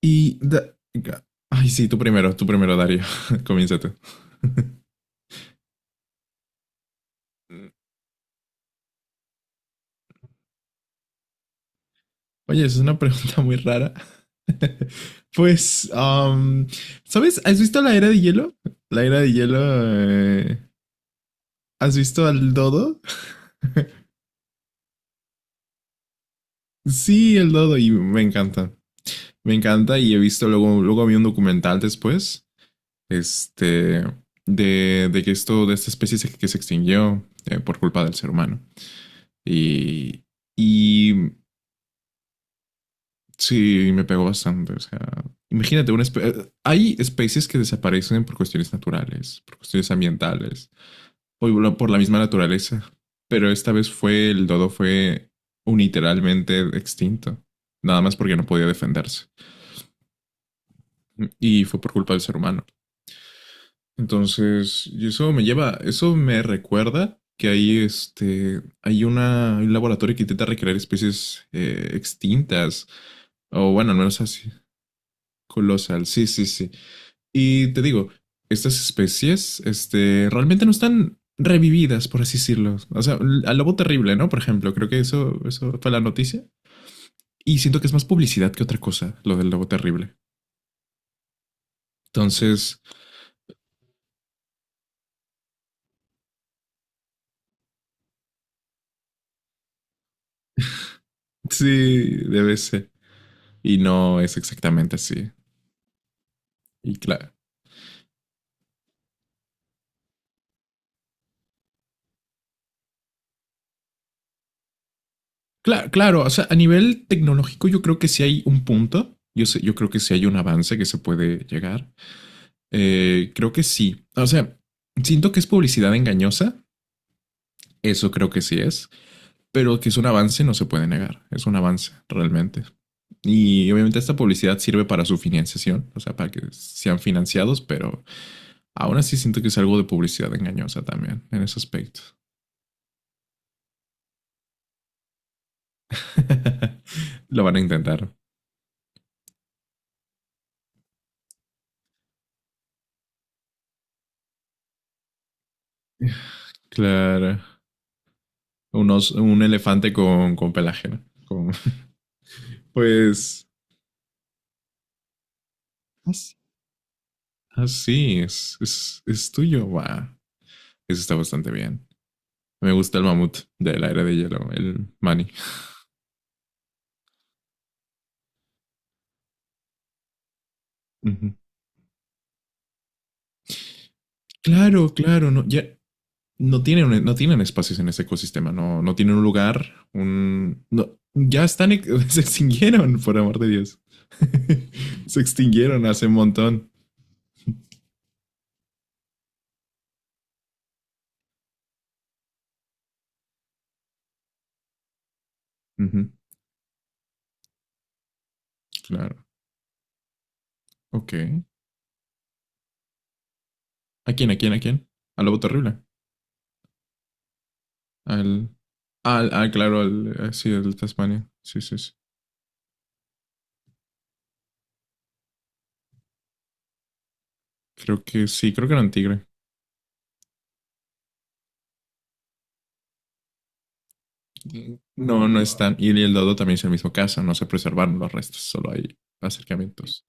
Y... da- Ay, sí, tú primero, Dario. Comienza tú. Oye, es una pregunta muy rara. Pues, ¿sabes? ¿Has visto la era de hielo? La era de hielo... ¿Has visto al dodo? Sí, el dodo y me encanta. Me encanta y he visto luego, luego vi un documental después, este, de que de esta especie que se extinguió por culpa del ser humano. Y, y Sí, me pegó bastante. O sea, imagínate, hay especies que desaparecen por cuestiones naturales, por cuestiones ambientales, o igual por la misma naturaleza. Pero esta vez fue, el dodo fue unilateralmente extinto, nada más porque no podía defenderse. Y fue por culpa del ser humano. Entonces, y eso me lleva, eso me recuerda que hay hay un laboratorio que intenta recrear especies extintas, o bueno, al menos así, colosal, sí, sí, sí. Y te digo, estas especies, realmente no están revividas, por así decirlo. O sea, al lobo terrible, ¿no? Por ejemplo, creo que eso fue la noticia. Y siento que es más publicidad que otra cosa, lo del lobo terrible. Entonces, sí, debe ser. Y no es exactamente así. Y claro, claro, claro, o sea, a nivel tecnológico yo creo que sí hay un punto. Yo creo que sí hay un avance que se puede llegar. Creo que sí. O sea, siento que es publicidad engañosa. Eso creo que sí es. Pero que es un avance, no se puede negar. Es un avance, realmente. Y obviamente esta publicidad sirve para su financiación, o sea, para que sean financiados, pero aún así siento que es algo de publicidad engañosa también, en ese aspecto. Lo van a intentar. Claro. Unos, un elefante con pelaje, ¿no? Con, pues... Así es, es tuyo, va. Eso está bastante bien. Me gusta el mamut de la era de hielo, el Manny. Uh-huh. Claro, claro, no, ya, no tienen, no tienen espacios en ese ecosistema, no, no tienen un lugar, un... No, ya están, se extinguieron, por amor de Dios. Se extinguieron hace un montón. Uh -huh, claro, ok. ¿A quién, a quién, a quién? Al lobo terrible. Al... claro, sí, al Tasmania. Sí, sí, sí. Creo que sí, creo que era un tigre. No, no están. Y el dodo también es el mismo caso. No se preservaron los restos, solo hay acercamientos.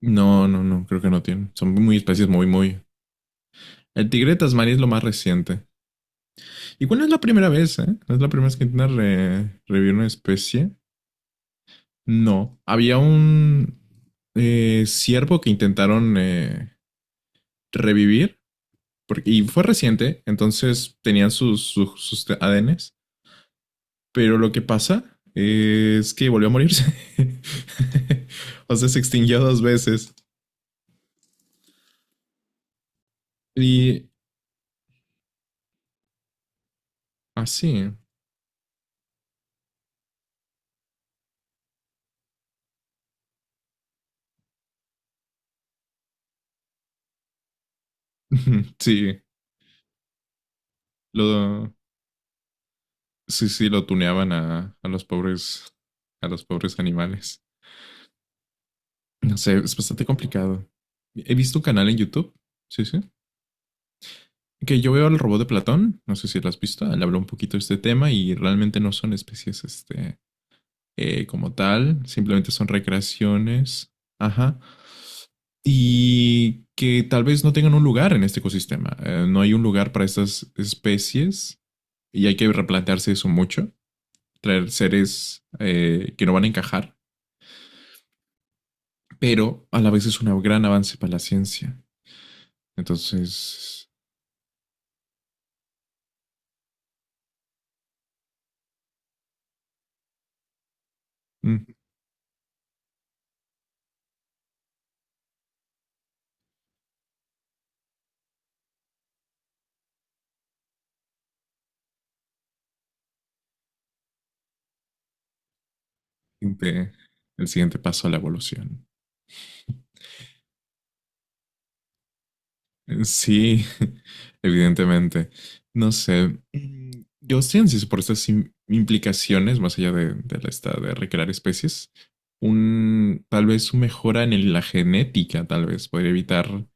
No, no, no, creo que no tienen. Son muy especies muy, muy... El Tigre de Tasmania es lo más reciente. Igual no es la primera vez, ¿eh? No es la primera vez que intentan revivir una especie. No. Había un ciervo que intentaron revivir. Porque, y fue reciente, entonces tenían sus ADNs. Pero lo que pasa es que volvió a morirse. O sea, se extinguió dos veces. Y así. Ah, sí, lo, sí, sí, lo tuneaban a los pobres animales. No sé, es bastante complicado. He visto un canal en YouTube, sí, sí, que yo veo al robot de Platón, no sé si lo has visto, le habló un poquito de este tema y realmente no son especies, como tal, simplemente son recreaciones, ajá, y que tal vez no tengan un lugar en este ecosistema. No hay un lugar para estas especies y hay que replantearse eso mucho, traer seres que no van a encajar, pero a la vez es un gran avance para la ciencia. Entonces, mm, siguiente- el siguiente paso a la evolución. Sí, evidentemente. No sé. Yo ciencias por estas implicaciones, más allá de la de recrear especies, tal vez una mejora en la genética, tal vez, podría evitar,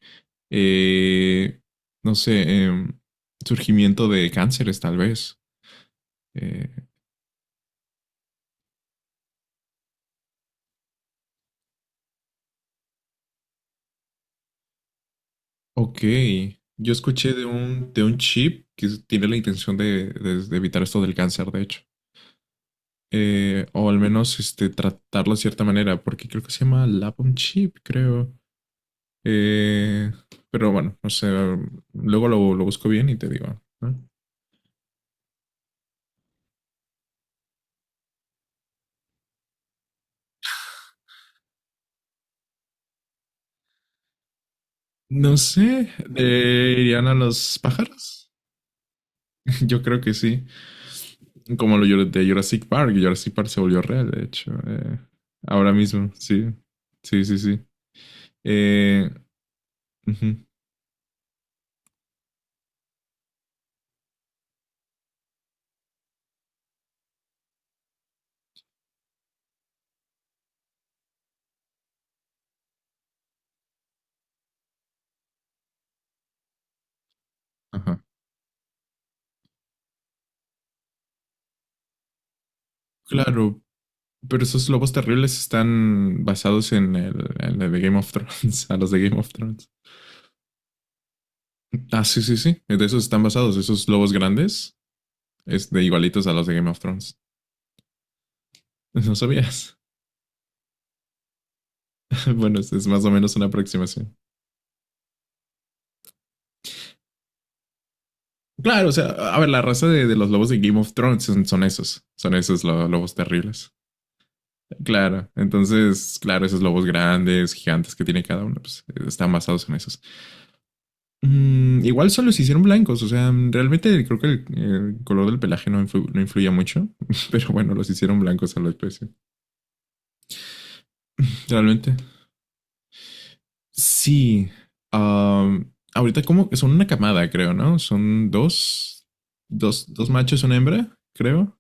eh, no sé, surgimiento de cánceres, tal vez. Eh, Ok, yo escuché de un chip que tiene la intención de evitar esto del cáncer, de hecho. O al menos este, tratarlo de cierta manera, porque creo que se llama Lapum Chip, creo. Eh, pero bueno, no sé, luego lo busco bien y te digo. ¿No? No sé, ¿irían a los pájaros? Yo creo que sí. Como lo de Jurassic Park, Jurassic Park se volvió real, de hecho. Ahora mismo, sí. Sí, sí, sí. Eh, ujú, ajá. Claro, pero esos lobos terribles están basados en en el de Game of Thrones, a los de Game of Thrones. Ah, sí, sí, sí. De esos están basados, esos lobos grandes, es de igualitos a los de Game of Thrones. No sabías. Bueno, es más o menos una aproximación. Claro, o sea, a ver, la raza de los lobos de Game of Thrones son, son esos, son esos lobos terribles. Claro, entonces, claro, esos lobos grandes, gigantes que tiene cada uno, pues están basados en esos. Mm, igual solo se hicieron blancos, o sea, realmente creo que el color del pelaje no influía mucho, pero bueno, los hicieron blancos a la especie. Realmente. Sí. Ah, ahorita como son una camada, creo, ¿no? Son dos, dos machos, una hembra, creo.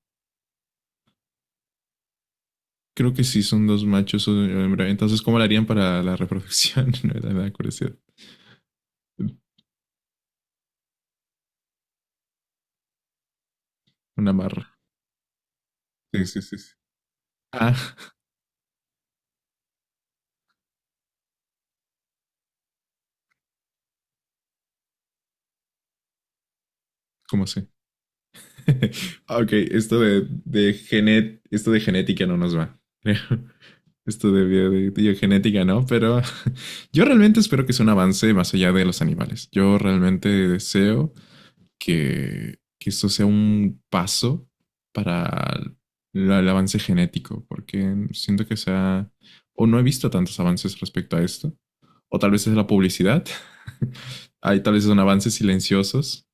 Creo que sí, son dos machos, una hembra. Entonces, ¿cómo lo harían para la reproducción? Me da curiosidad. Una marra. Sí, sí, sí. Sí. Ah, ¿cómo sé? Ah, ok, esto de esto de genética no nos va. Creo. Esto de biogenética no, pero yo realmente espero que sea un avance más allá de los animales. Yo realmente deseo que esto sea un paso para el avance genético, porque siento que sea, o no he visto tantos avances respecto a esto, o tal vez es la publicidad. Hay tal vez son avances silenciosos.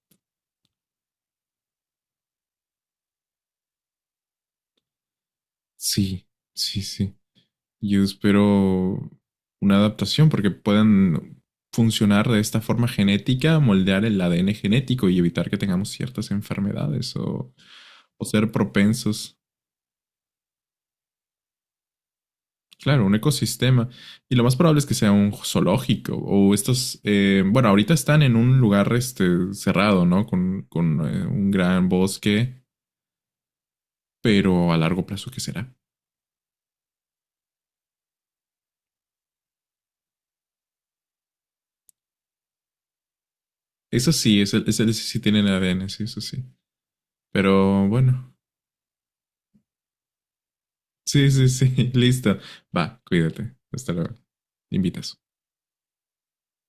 Sí, sí, sí. Yo espero una adaptación porque puedan funcionar de esta forma genética, moldear el ADN genético y evitar que tengamos ciertas enfermedades o ser propensos. Claro, un ecosistema. Y lo más probable es que sea un zoológico o estos, bueno, ahorita están en un lugar este, cerrado, ¿no? Con, con un gran bosque, pero a largo plazo, ¿qué será? Eso sí, ese sí tienen ADN, sí, eso sí. Pero bueno, sí, sí, sí. Listo. Va, cuídate. Hasta luego. Invitas.